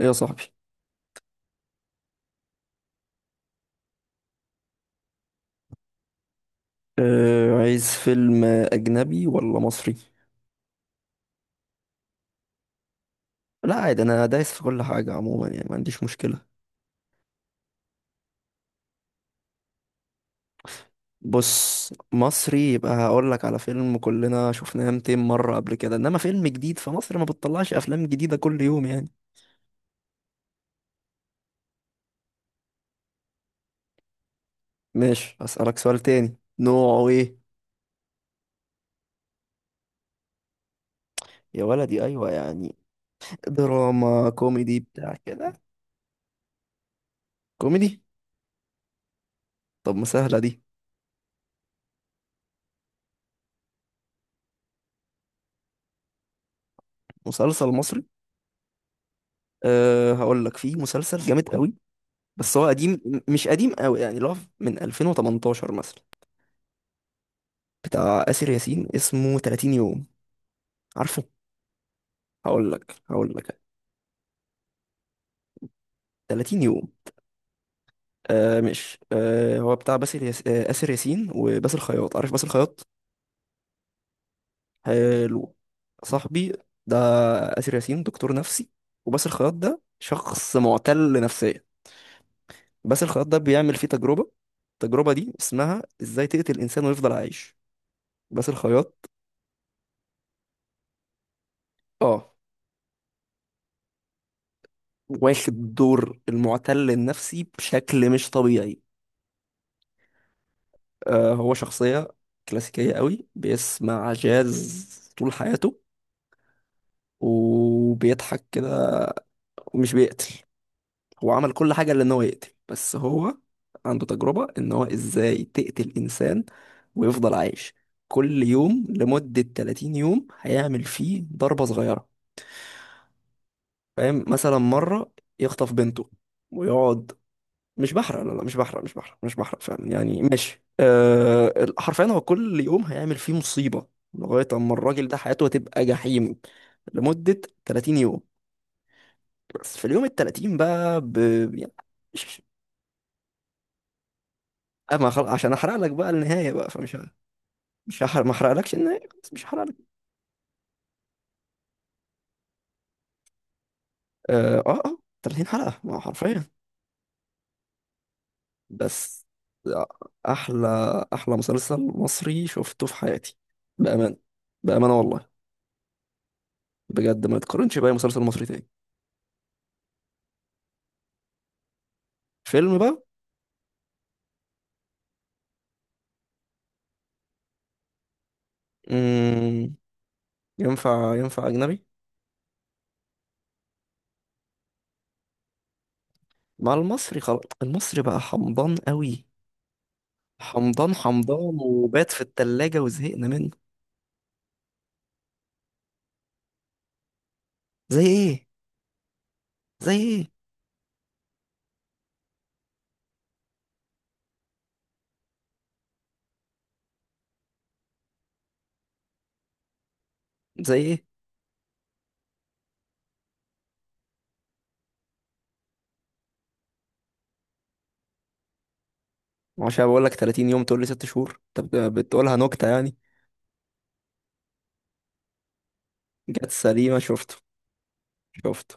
ايه يا صاحبي. أه، عايز فيلم اجنبي ولا مصري؟ لا عادي، انا دايس في كل حاجه عموما يعني ما عنديش مشكله. بص، مصري يبقى هقول لك على فيلم كلنا شفناه 200 مره قبل كده، انما فيلم جديد فمصر ما بتطلعش افلام جديده كل يوم يعني. ماشي، اسالك سؤال تاني نوعه ايه؟ يا ولدي ايوه يعني. دراما كوميدي بتاع كده، كوميدي. طب ما سهله دي. مسلسل مصري؟ أه هقول لك، في مسلسل جامد قوي. بس هو قديم، مش قديم قوي، يعني اللي هو من 2018 مثلا. بتاع آسر ياسين، اسمه 30 يوم. عارفه؟ هقول لك. 30 يوم. آه مش آه هو بتاع باسل ياس... آه آسر ياسين وباسل خياط. عارف باسل خياط؟ حلو. صاحبي ده، آسر ياسين، دكتور نفسي. وباسل خياط ده شخص معتل نفسيا. باسل خياط ده بيعمل فيه تجربة. التجربة دي اسمها ازاي تقتل انسان ويفضل عايش. باسل خياط اه، واخد دور المعتل النفسي بشكل مش طبيعي. آه، هو شخصية كلاسيكية قوي، بيسمع جاز طول حياته وبيضحك كده. ومش بيقتل. هو عمل كل حاجة لأن هو يقتل، بس هو عنده تجربة إن هو إزاي تقتل إنسان ويفضل عايش. كل يوم لمدة 30 يوم هيعمل فيه ضربة صغيرة. فاهم؟ مثلا مرة يخطف بنته ويقعد. مش بحرق، لا لا، مش بحرق، مش بحرق، مش بحرق فعلا يعني. ماشي أه. حرفيا هو كل يوم هيعمل فيه مصيبة لغاية أما الراجل ده حياته هتبقى جحيم لمدة 30 يوم. بس في اليوم ال 30 بقى يعني مش... أما خل... عشان أحرق لك بقى النهاية بقى، مش هحرق. ما أحرقلكش النهاية، خلاص مش هحرق لك. أه أه آه، 30 حلقة، ما هو حرفيا. بس أحلى أحلى مسلسل مصري شفته في حياتي. بأمان بأمانة والله. بجد ما يتقارنش بأي مسلسل مصري تاني. فيلم بقى. مم. ينفع أجنبي؟ مع المصري خلاص، المصري بقى حمضان قوي. حمضان حمضان وبات في التلاجة وزهقنا منه. زي ايه؟ زي ايه؟ زي ايه؟ عشان بقول لك 30 يوم تقول لي 6 شهور؟ طب ده بتقولها نكتة يعني. جت سليمة؟ شفته.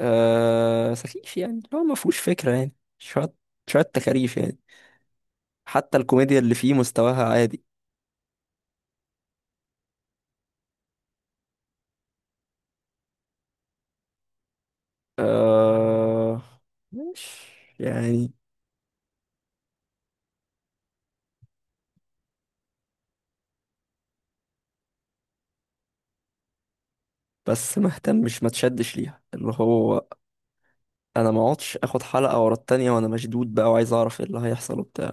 آه سخيف، يعني هو ما فيهوش فكرة، يعني شوية شوية تكاريف يعني. حتى الكوميديا اللي فيه مستواها عادي. آه. مش. يعني. بس ما اهتمش، ما تشدش ليها، اللي هو انا ما اقعدش اخد حلقة ورا التانية وانا مشدود بقى وعايز اعرف ايه اللي هيحصل وبتاع.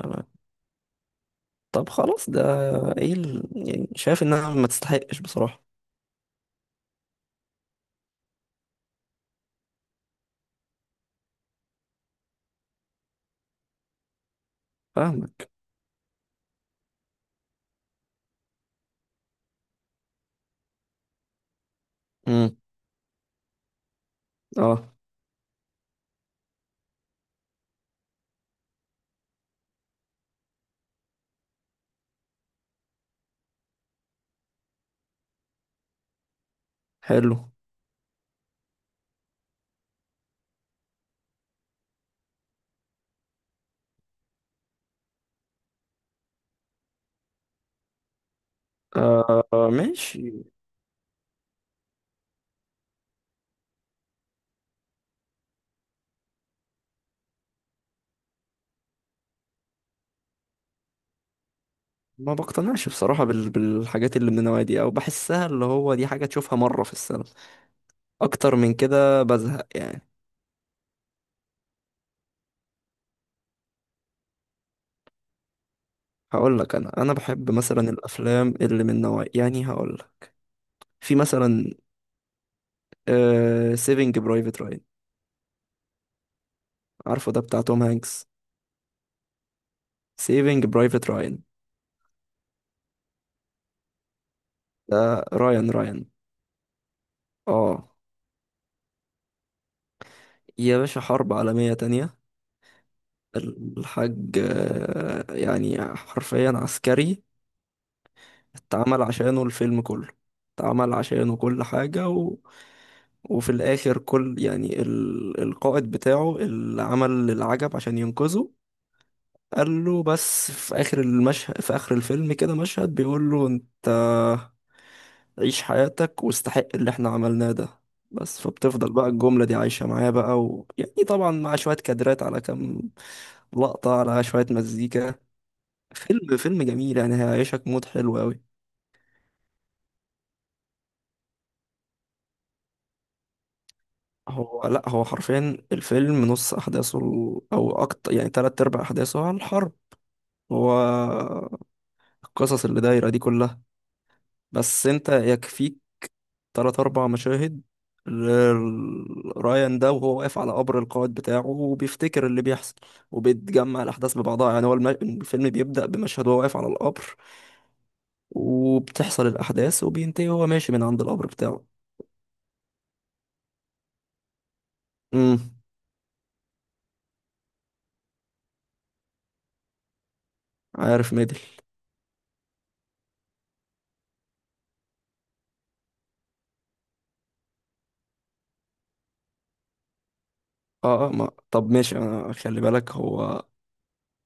طب خلاص ده يعني شايف انها ما تستحقش بصراحة. فاهمك. امم. اه حلو. آه ماشي. ما بقتنعش بصراحة بالحاجات اللي من النوع دي، او بحسها اللي هو دي حاجة تشوفها مرة في السنة، اكتر من كده بزهق يعني. هقول لك، انا بحب مثلا الافلام اللي من نوع، يعني هقول لك، في مثلا سيفنج برايفت رايان. عارفه؟ ده بتاع توم هانكس. سيفينج برايفت راين. ده رايان رايان. اه. يا باشا حرب عالمية تانية. الحاج آه، يعني حرفيا عسكري اتعمل عشانه الفيلم كله، اتعمل عشانه كل حاجة وفي الآخر كل يعني القائد بتاعه اللي عمل العجب عشان ينقذه قال له، بس في اخر المشهد، في اخر الفيلم كده مشهد بيقول له، انت عيش حياتك واستحق اللي احنا عملناه ده. بس فبتفضل بقى الجملة دي عايشة معايا بقى، ويعني طبعا مع شوية كادرات على كام لقطة، على شوية مزيكا. فيلم جميل، يعني هيعيشك مود حلو قوي. هو لا، هو حرفيا الفيلم نص او اكتر، يعني تلات ارباع احداثه، على الحرب. هو القصص اللي دايرة دي كلها. بس انت يكفيك تلات أربع مشاهد. رايان ده وهو واقف على قبر القائد بتاعه وبيفتكر اللي بيحصل، وبيتجمع الأحداث ببعضها. يعني هو الفيلم بيبدأ بمشهد وهو واقف على القبر، وبتحصل الأحداث، وبينتهي وهو ماشي من عند القبر بتاعه. امم. عارف ميدل؟ اه اه. ما طب ماشي، انا خلي بالك، هو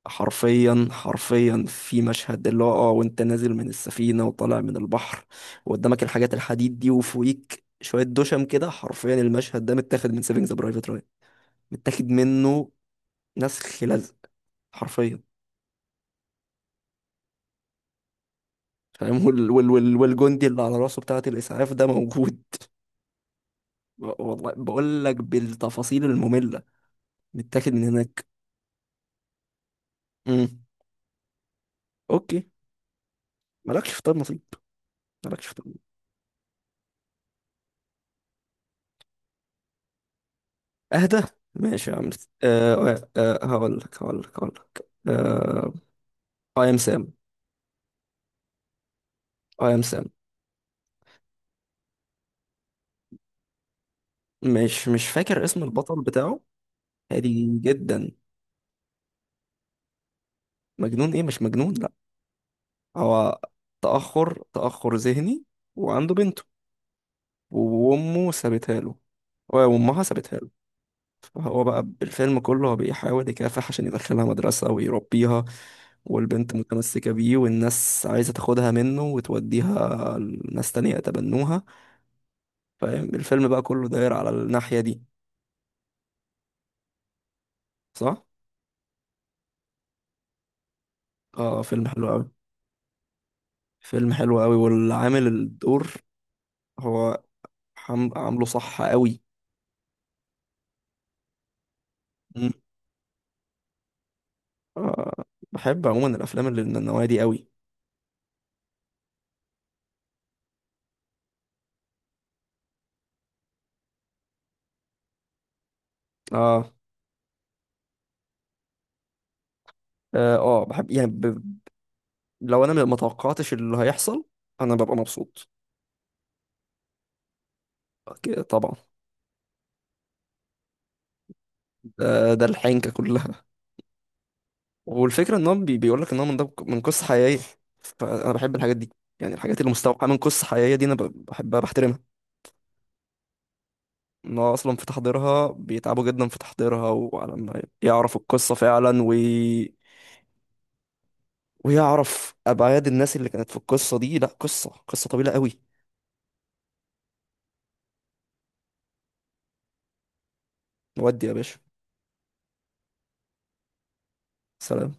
حرفيا حرفيا في مشهد اللي هو وانت نازل من السفينة وطالع من البحر، وقدامك الحاجات الحديد دي، وفوقيك شوية دشم كده، حرفيا المشهد ده متاخد من سيفنج ذا برايفت رايان. متاخد منه، نسخ لزق، حرفيا. فاهم؟ والجندي اللي على راسه بتاعة الإسعاف ده موجود. والله بقول لك بالتفاصيل المملة. متاخد من هناك. امم. اوكي. مالكش في طب نصيب. مالكش في طب. اهدى. ماشي يا عم. هقول لك, اي ام سام. اي ام سام. مش فاكر اسم البطل بتاعه. هادي جدا. مجنون ايه؟ مش مجنون لا. هو تأخر ذهني، وعنده بنته، وامه سابتها له، وامها سابتها له. فهو بقى الفيلم كله هو بيحاول يكافح عشان يدخلها مدرسة ويربيها، والبنت متمسكة بيه، والناس عايزة تاخدها منه وتوديها لناس تانية يتبنوها. فاهم؟ الفيلم بقى كله داير على الناحية دي. صح؟ اه فيلم حلو قوي. فيلم حلو قوي. والعامل الدور هو عامله صح قوي. مم. آه بحب عموما الافلام اللي من النوعيه دي قوي. اه بحب يعني لو انا ما توقعتش اللي هيحصل، انا ببقى مبسوط. أوكي، طبعا. ده الحنكه كلها. والفكره ان هو بيقول لك ان هو من قصه حقيقيه. فانا بحب الحاجات دي، يعني الحاجات اللي مستوحاه من قصه حقيقيه دي، انا بحبها بحترمها. ان هو اصلا في تحضيرها بيتعبوا جدا في تحضيرها، وعلى ما يعرفوا القصه فعلا ويعرف ابعاد الناس اللي كانت في القصه دي، لا قصه طويله قوي. نودي يا باشا. سلام.